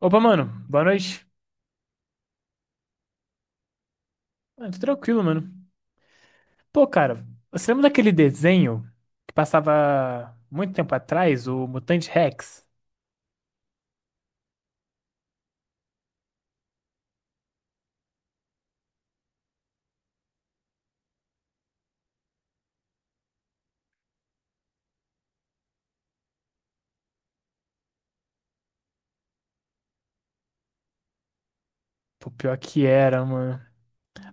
Opa, mano, boa noite. Mano, tô tranquilo, mano. Pô, cara, você lembra daquele desenho que passava muito tempo atrás, o Mutante Rex? Pô, pior que era, mano.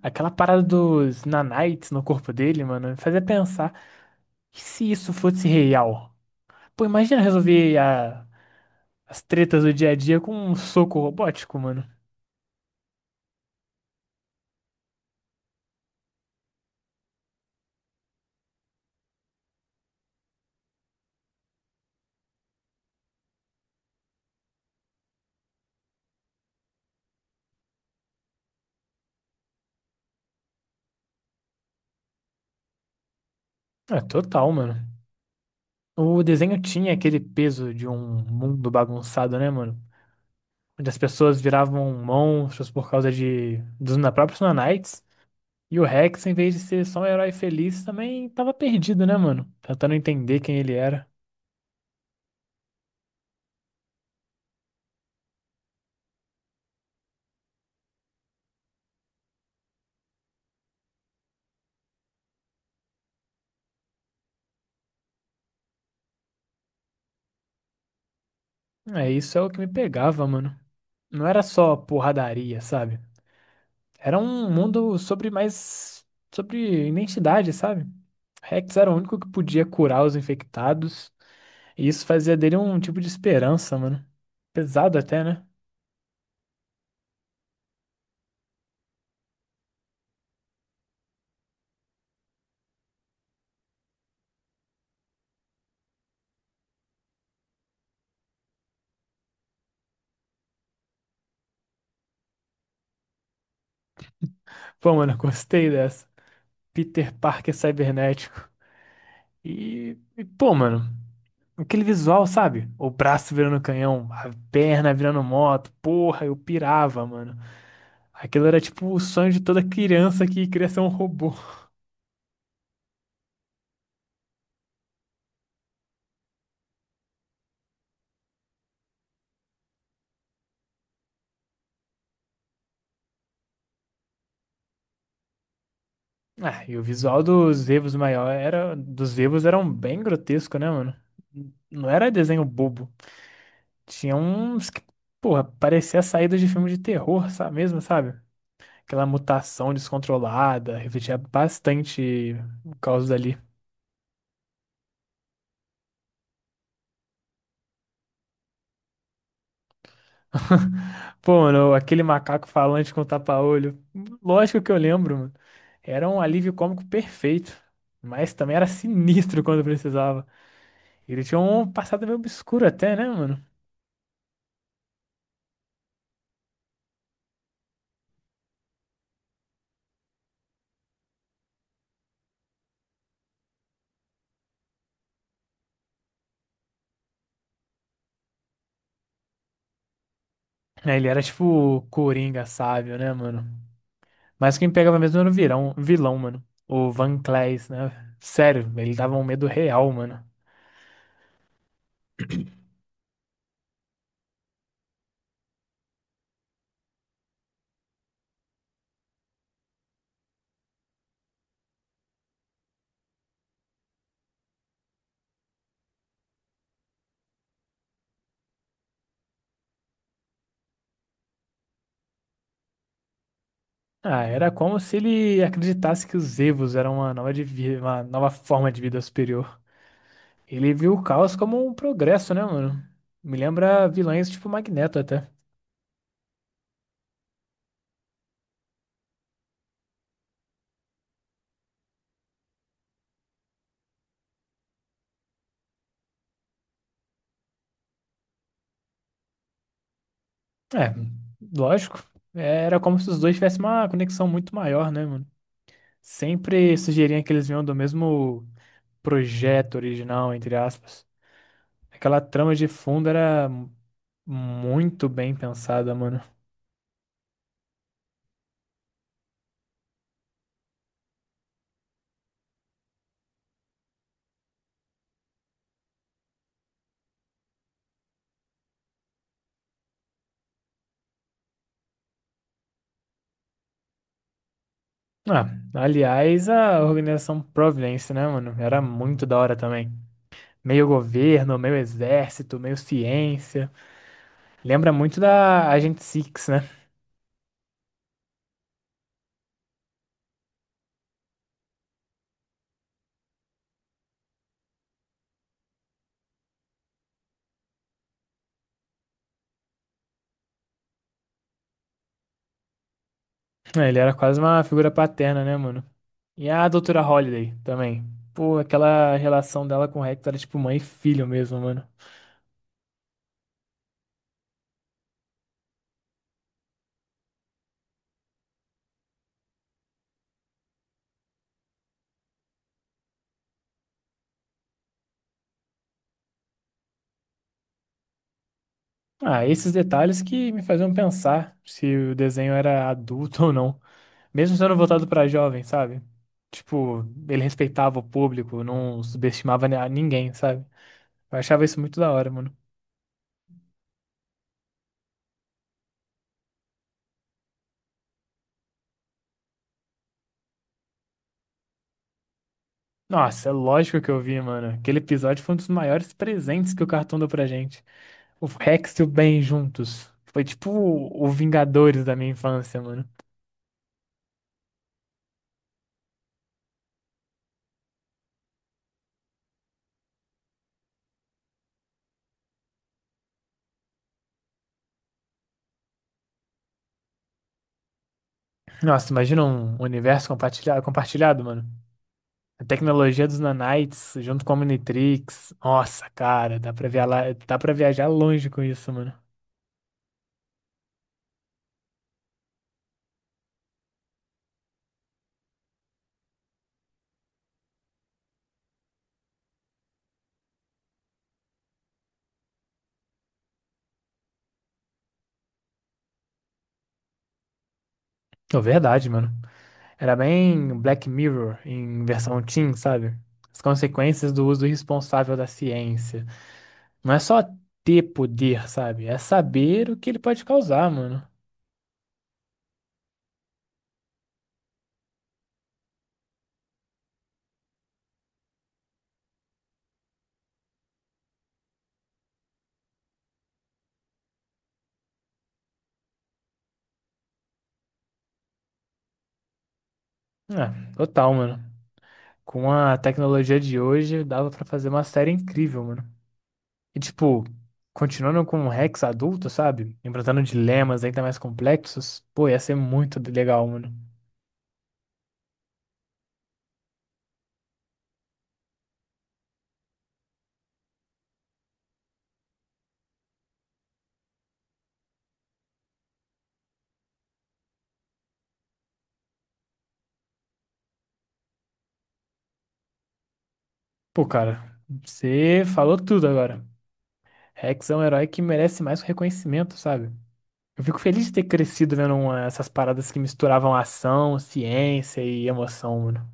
Aquela parada dos nanites no corpo dele, mano, me fazia pensar, e se isso fosse real? Pô, imagina resolver as tretas do dia a dia com um soco robótico, mano. É, total, mano. O desenho tinha aquele peso de um mundo bagunçado, né, mano? Onde as pessoas viravam monstros por causa de dos na- próprios Nanites. E o Rex, em vez de ser só um herói feliz, também tava perdido, né, mano? Tentando entender quem ele era. É, isso é o que me pegava, mano. Não era só porradaria, sabe? Era um mundo sobre mais, sobre identidade, sabe? Rex era o único que podia curar os infectados. E isso fazia dele um tipo de esperança, mano. Pesado até, né? Pô, mano, gostei dessa. Peter Parker cibernético. Pô, mano, aquele visual, sabe? O braço virando canhão, a perna virando moto, porra, eu pirava, mano. Aquilo era tipo o sonho de toda criança que queria ser um robô. Ah, e o visual dos Evos eram bem grotesco, né, mano? Não era desenho bobo. Tinha uns que, porra, parecia saída de filme de terror, sabe mesmo, sabe? Aquela mutação descontrolada refletia bastante o caos ali. Pô, mano, aquele macaco falante com tapa-olho. Lógico que eu lembro, mano. Era um alívio cômico perfeito. Mas também era sinistro quando precisava. Ele tinha um passado meio obscuro até, né, mano? É, ele era tipo o Coringa sábio, né, mano? Mas quem pegava mesmo era o vilão, mano. O Van Claes, né? Sério, ele dava um medo real, mano. Ah, era como se ele acreditasse que os Evos eram uma uma nova forma de vida superior. Ele viu o caos como um progresso, né, mano? Me lembra vilões tipo Magneto até. É, lógico. É, era como se os dois tivessem uma conexão muito maior, né, mano? Sempre sugeriam que eles vinham do mesmo projeto original, entre aspas. Aquela trama de fundo era muito bem pensada, mano. Ah, aliás, a organização Providence, né, mano? Era muito da hora também. Meio governo, meio exército, meio ciência. Lembra muito da Agent Six, né? É, ele era quase uma figura paterna, né, mano? E a doutora Holliday também. Pô, aquela relação dela com o Rex era tipo mãe e filho mesmo, mano. Ah, esses detalhes que me faziam pensar se o desenho era adulto ou não. Mesmo sendo voltado pra jovem, sabe? Tipo, ele respeitava o público, não subestimava a ninguém, sabe? Eu achava isso muito da hora, mano. Nossa, é lógico que eu vi, mano. Aquele episódio foi um dos maiores presentes que o cartoon deu pra gente. O Rex e o Ben juntos. Foi tipo o Vingadores da minha infância, mano. Nossa, imagina um universo compartilhado, mano. A tecnologia dos nanites junto com a Omnitrix. Nossa, cara, dá pra viajar longe com isso, mano. É verdade, mano. Era bem Black Mirror em versão teen, sabe? As consequências do uso irresponsável da ciência. Não é só ter poder, sabe? É saber o que ele pode causar, mano. É, total, mano. Com a tecnologia de hoje, dava pra fazer uma série incrível, mano. E tipo, continuando com o Rex adulto, sabe? Enfrentando dilemas ainda mais complexos, pô, ia ser muito legal, mano. Pô, cara, você falou tudo agora. Rex é um herói que merece mais reconhecimento, sabe? Eu fico feliz de ter crescido vendo essas paradas que misturavam ação, ciência e emoção, mano.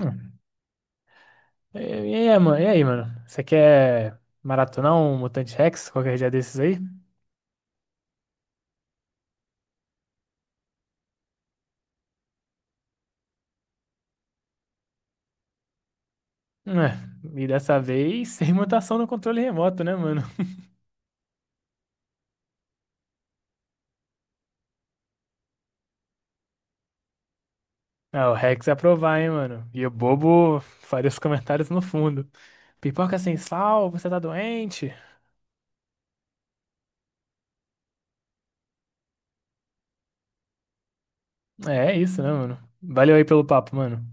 Hum. E aí, mano? Você quer maratonar um Mutante Rex qualquer dia desses aí? É, e dessa vez sem mutação no controle remoto, né, mano? Ah, o Rex ia aprovar, hein, mano? E o bobo faria os comentários no fundo. Pipoca sem sal, você tá doente? É, é isso, né, mano? Valeu aí pelo papo, mano.